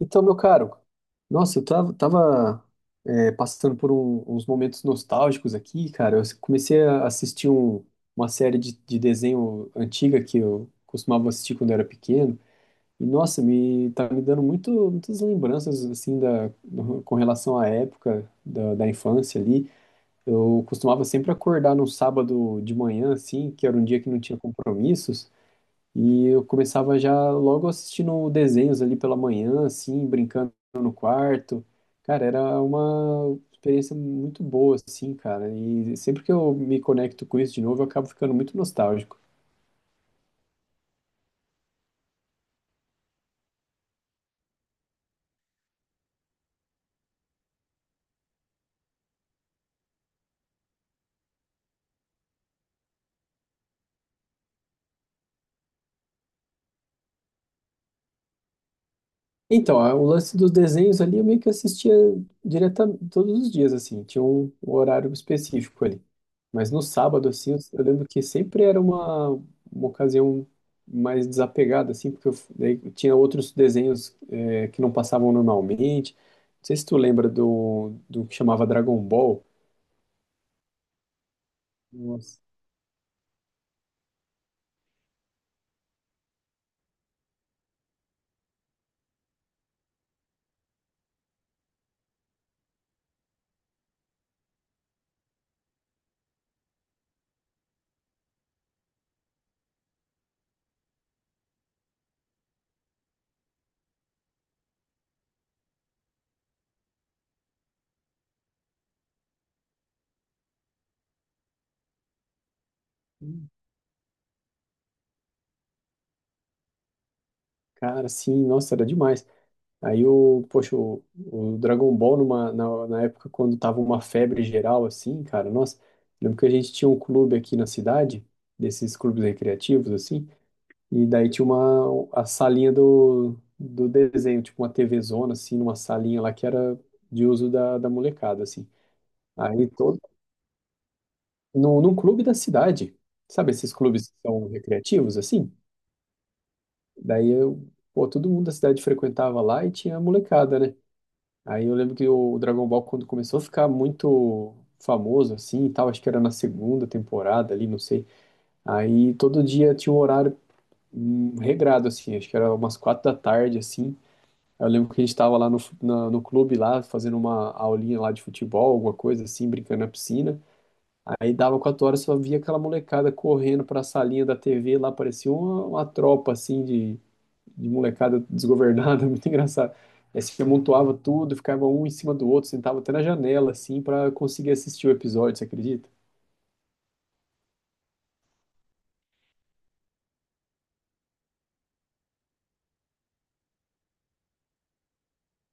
Então, meu caro, nossa, eu passando por uns momentos nostálgicos aqui, cara. Eu comecei a assistir uma série de desenho antiga que eu costumava assistir quando eu era pequeno. E, nossa, me tá me dando muitas lembranças, assim, com relação à época da infância ali. Eu costumava sempre acordar num sábado de manhã, assim, que era um dia que não tinha compromissos. E eu começava já logo assistindo desenhos ali pela manhã, assim, brincando no quarto. Cara, era uma experiência muito boa, assim, cara. E sempre que eu me conecto com isso de novo, eu acabo ficando muito nostálgico. Então, o lance dos desenhos ali, eu meio que assistia diretamente todos os dias, assim, tinha um horário específico ali. Mas no sábado, assim, eu lembro que sempre era uma ocasião mais desapegada, assim, porque eu, daí tinha outros desenhos que não passavam normalmente. Não sei se tu lembra do que chamava Dragon Ball. Nossa, cara, sim, nossa, era demais. Aí poxa, o Dragon Ball na época quando tava uma febre geral assim, cara, nossa, lembro que a gente tinha um clube aqui na cidade, desses clubes recreativos assim, e daí tinha uma a salinha do desenho, tipo uma TV zona assim, numa salinha lá que era de uso da molecada assim. Aí todo no, num clube da cidade. Sabe esses clubes que são recreativos assim? Daí eu, pô, todo mundo da cidade frequentava lá e tinha a molecada, né? Aí eu lembro que o Dragon Ball, quando começou a ficar muito famoso, assim, e tal, acho que era na segunda temporada ali, não sei. Aí todo dia tinha um horário regrado, assim, acho que era umas 4 da tarde, assim. Eu lembro que a gente tava lá no clube, lá, fazendo uma aulinha lá de futebol, alguma coisa assim, brincando na piscina. Aí dava 4 horas, só via aquela molecada correndo pra salinha da TV, lá parecia uma tropa, assim, de molecada desgovernada, muito engraçado. Aí se amontoava tudo, ficava um em cima do outro, sentava até na janela, assim, pra conseguir assistir o episódio, você acredita?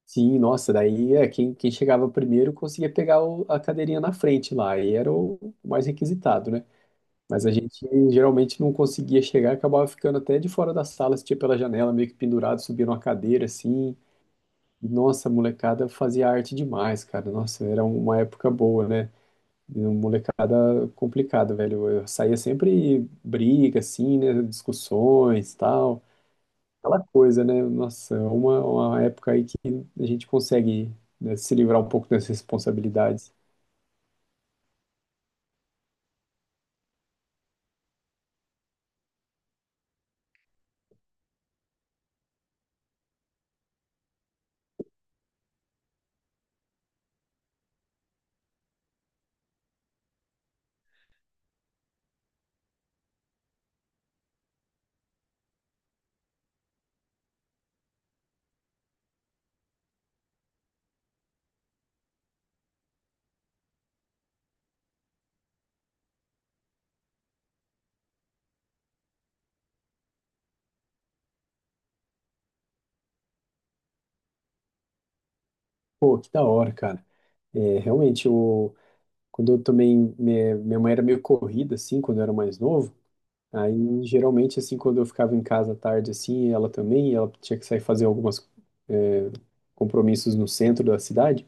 Sim, nossa, daí quem chegava primeiro conseguia pegar a cadeirinha na frente lá, e era o mais requisitado, né? Mas a gente geralmente não conseguia chegar, acabava ficando até de fora da sala, assistia pela janela, meio que pendurado, subia numa cadeira, assim. E, nossa, a molecada fazia arte demais, cara. Nossa, era uma época boa, né? E uma molecada complicada, velho. Eu saía sempre briga, assim, né? Discussões, tal. Aquela coisa, né? Nossa, é uma, época aí que a gente consegue, né, se livrar um pouco das responsabilidades. Pô, que da hora, cara. É, realmente, eu, quando eu também. Minha mãe era meio corrida, assim, quando eu era mais novo. Aí, geralmente, assim, quando eu ficava em casa à tarde, assim, ela também, ela tinha que sair fazer algumas, é, compromissos no centro da cidade.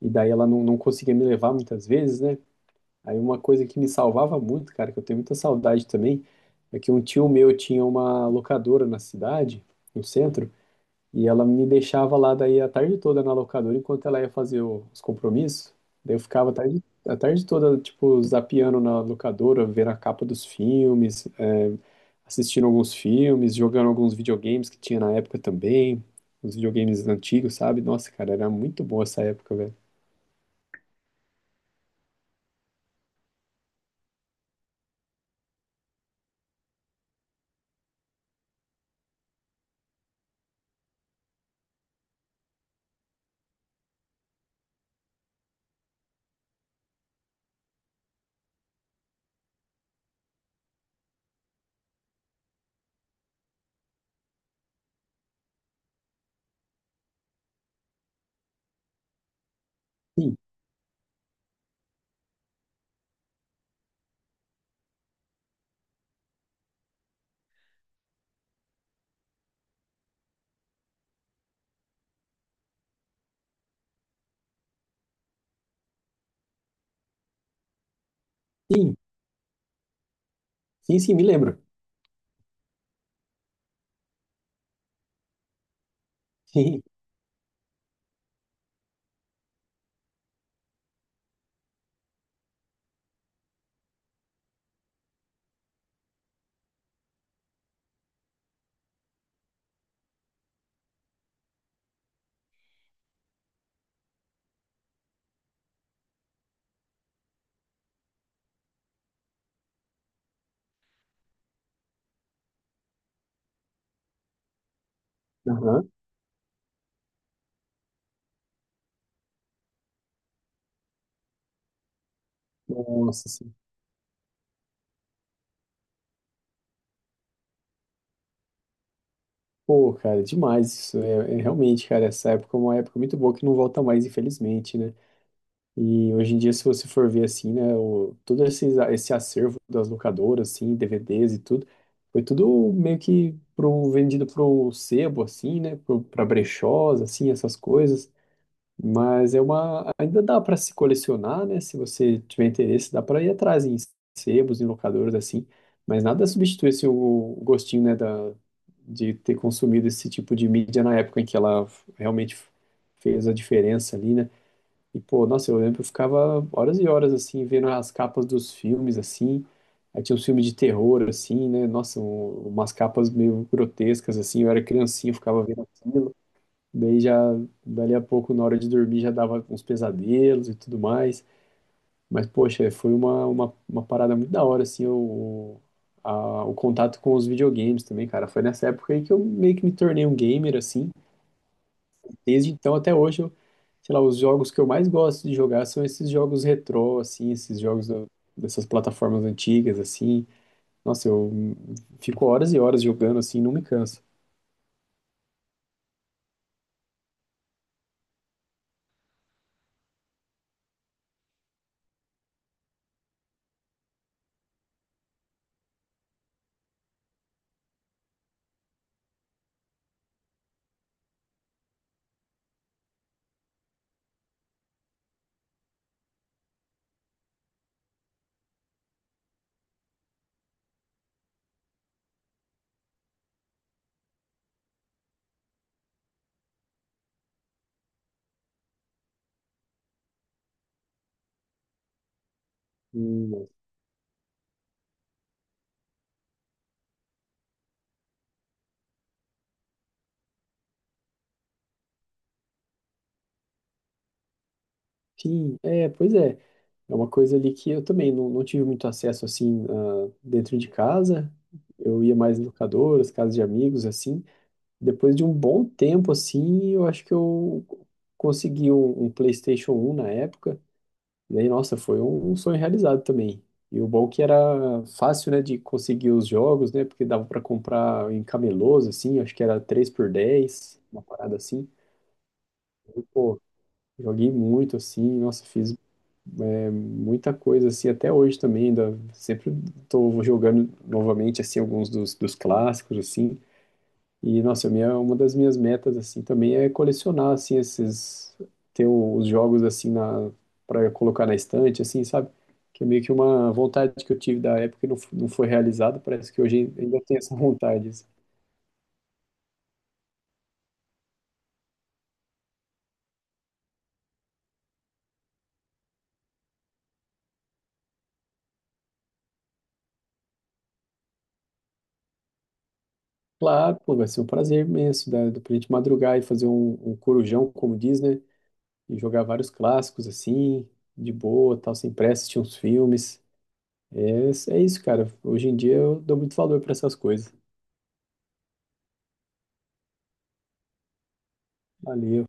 E daí ela não conseguia me levar muitas vezes, né? Aí uma coisa que me salvava muito, cara, que eu tenho muita saudade também, é que um tio meu tinha uma locadora na cidade, no centro, e ela me deixava lá daí a tarde toda na locadora enquanto ela ia fazer os compromissos. Daí eu ficava a tarde toda, tipo, zapeando na locadora, vendo a capa dos filmes, assistindo alguns filmes, jogando alguns videogames que tinha na época também, os videogames antigos, sabe? Nossa, cara, era muito boa essa época, velho. Sim, sim, sim, sim, me lembro. Sim. Aham. Nossa, sim. Pô, cara, demais isso. É, realmente, cara, essa época é uma época muito boa que não volta mais, infelizmente, né? E hoje em dia, se você for ver assim, né, todo esse acervo das locadoras, assim, DVDs e tudo, foi tudo meio que vendido pro sebo, assim, né? Pra brechós, assim, essas coisas. Mas é ainda dá para se colecionar, né? Se você tiver interesse, dá para ir atrás em sebos, em locadores assim. Mas nada substitui assim, o gostinho, né, de ter consumido esse tipo de mídia na época em que ela realmente fez a diferença ali, né? E pô, nossa, eu lembro que eu ficava horas e horas assim vendo as capas dos filmes assim. Aí tinha uns filmes de terror assim, né? Nossa, umas capas meio grotescas assim. Eu era criancinha, eu ficava vendo aquilo. Daí já, dali a pouco, na hora de dormir, já dava uns pesadelos e tudo mais. Mas, poxa, foi uma, uma parada muito da hora, assim, o contato com os videogames também, cara. Foi nessa época aí que eu meio que me tornei um gamer, assim. Desde então até hoje, eu, sei lá, os jogos que eu mais gosto de jogar são esses jogos retrô, assim, esses jogos dessas plataformas antigas, assim. Nossa, eu fico horas e horas jogando, assim, não me canso. Hum, Sim, é, pois é. É uma coisa ali que eu também não tive muito acesso assim dentro de casa. Eu ia mais em locadoras, casas de amigos, assim. Depois de um bom tempo, assim, eu acho que eu consegui um PlayStation 1 na época. E aí, nossa, foi um sonho realizado também. E o bom é que era fácil, né, de conseguir os jogos, né, porque dava para comprar em camelôs, assim, acho que era 3 por 10 uma parada assim. E, pô, joguei muito, assim, nossa, fiz muita coisa, assim, até hoje também, ainda sempre estou jogando novamente, assim, alguns dos clássicos, assim, e, nossa, uma das minhas metas, assim, também é colecionar, assim, esses, ter os jogos, assim, para colocar na estante, assim, sabe? Que é meio que uma vontade que eu tive da época e não foi realizada, parece que hoje ainda tenho essa vontade, assim. Claro, pô, vai ser um prazer imenso, da gente madrugar e fazer um corujão, como diz, né? E jogar vários clássicos assim, de boa, tal, sem pressa, assistir uns filmes. É, é, isso, cara. Hoje em dia eu dou muito valor para essas coisas. Valeu.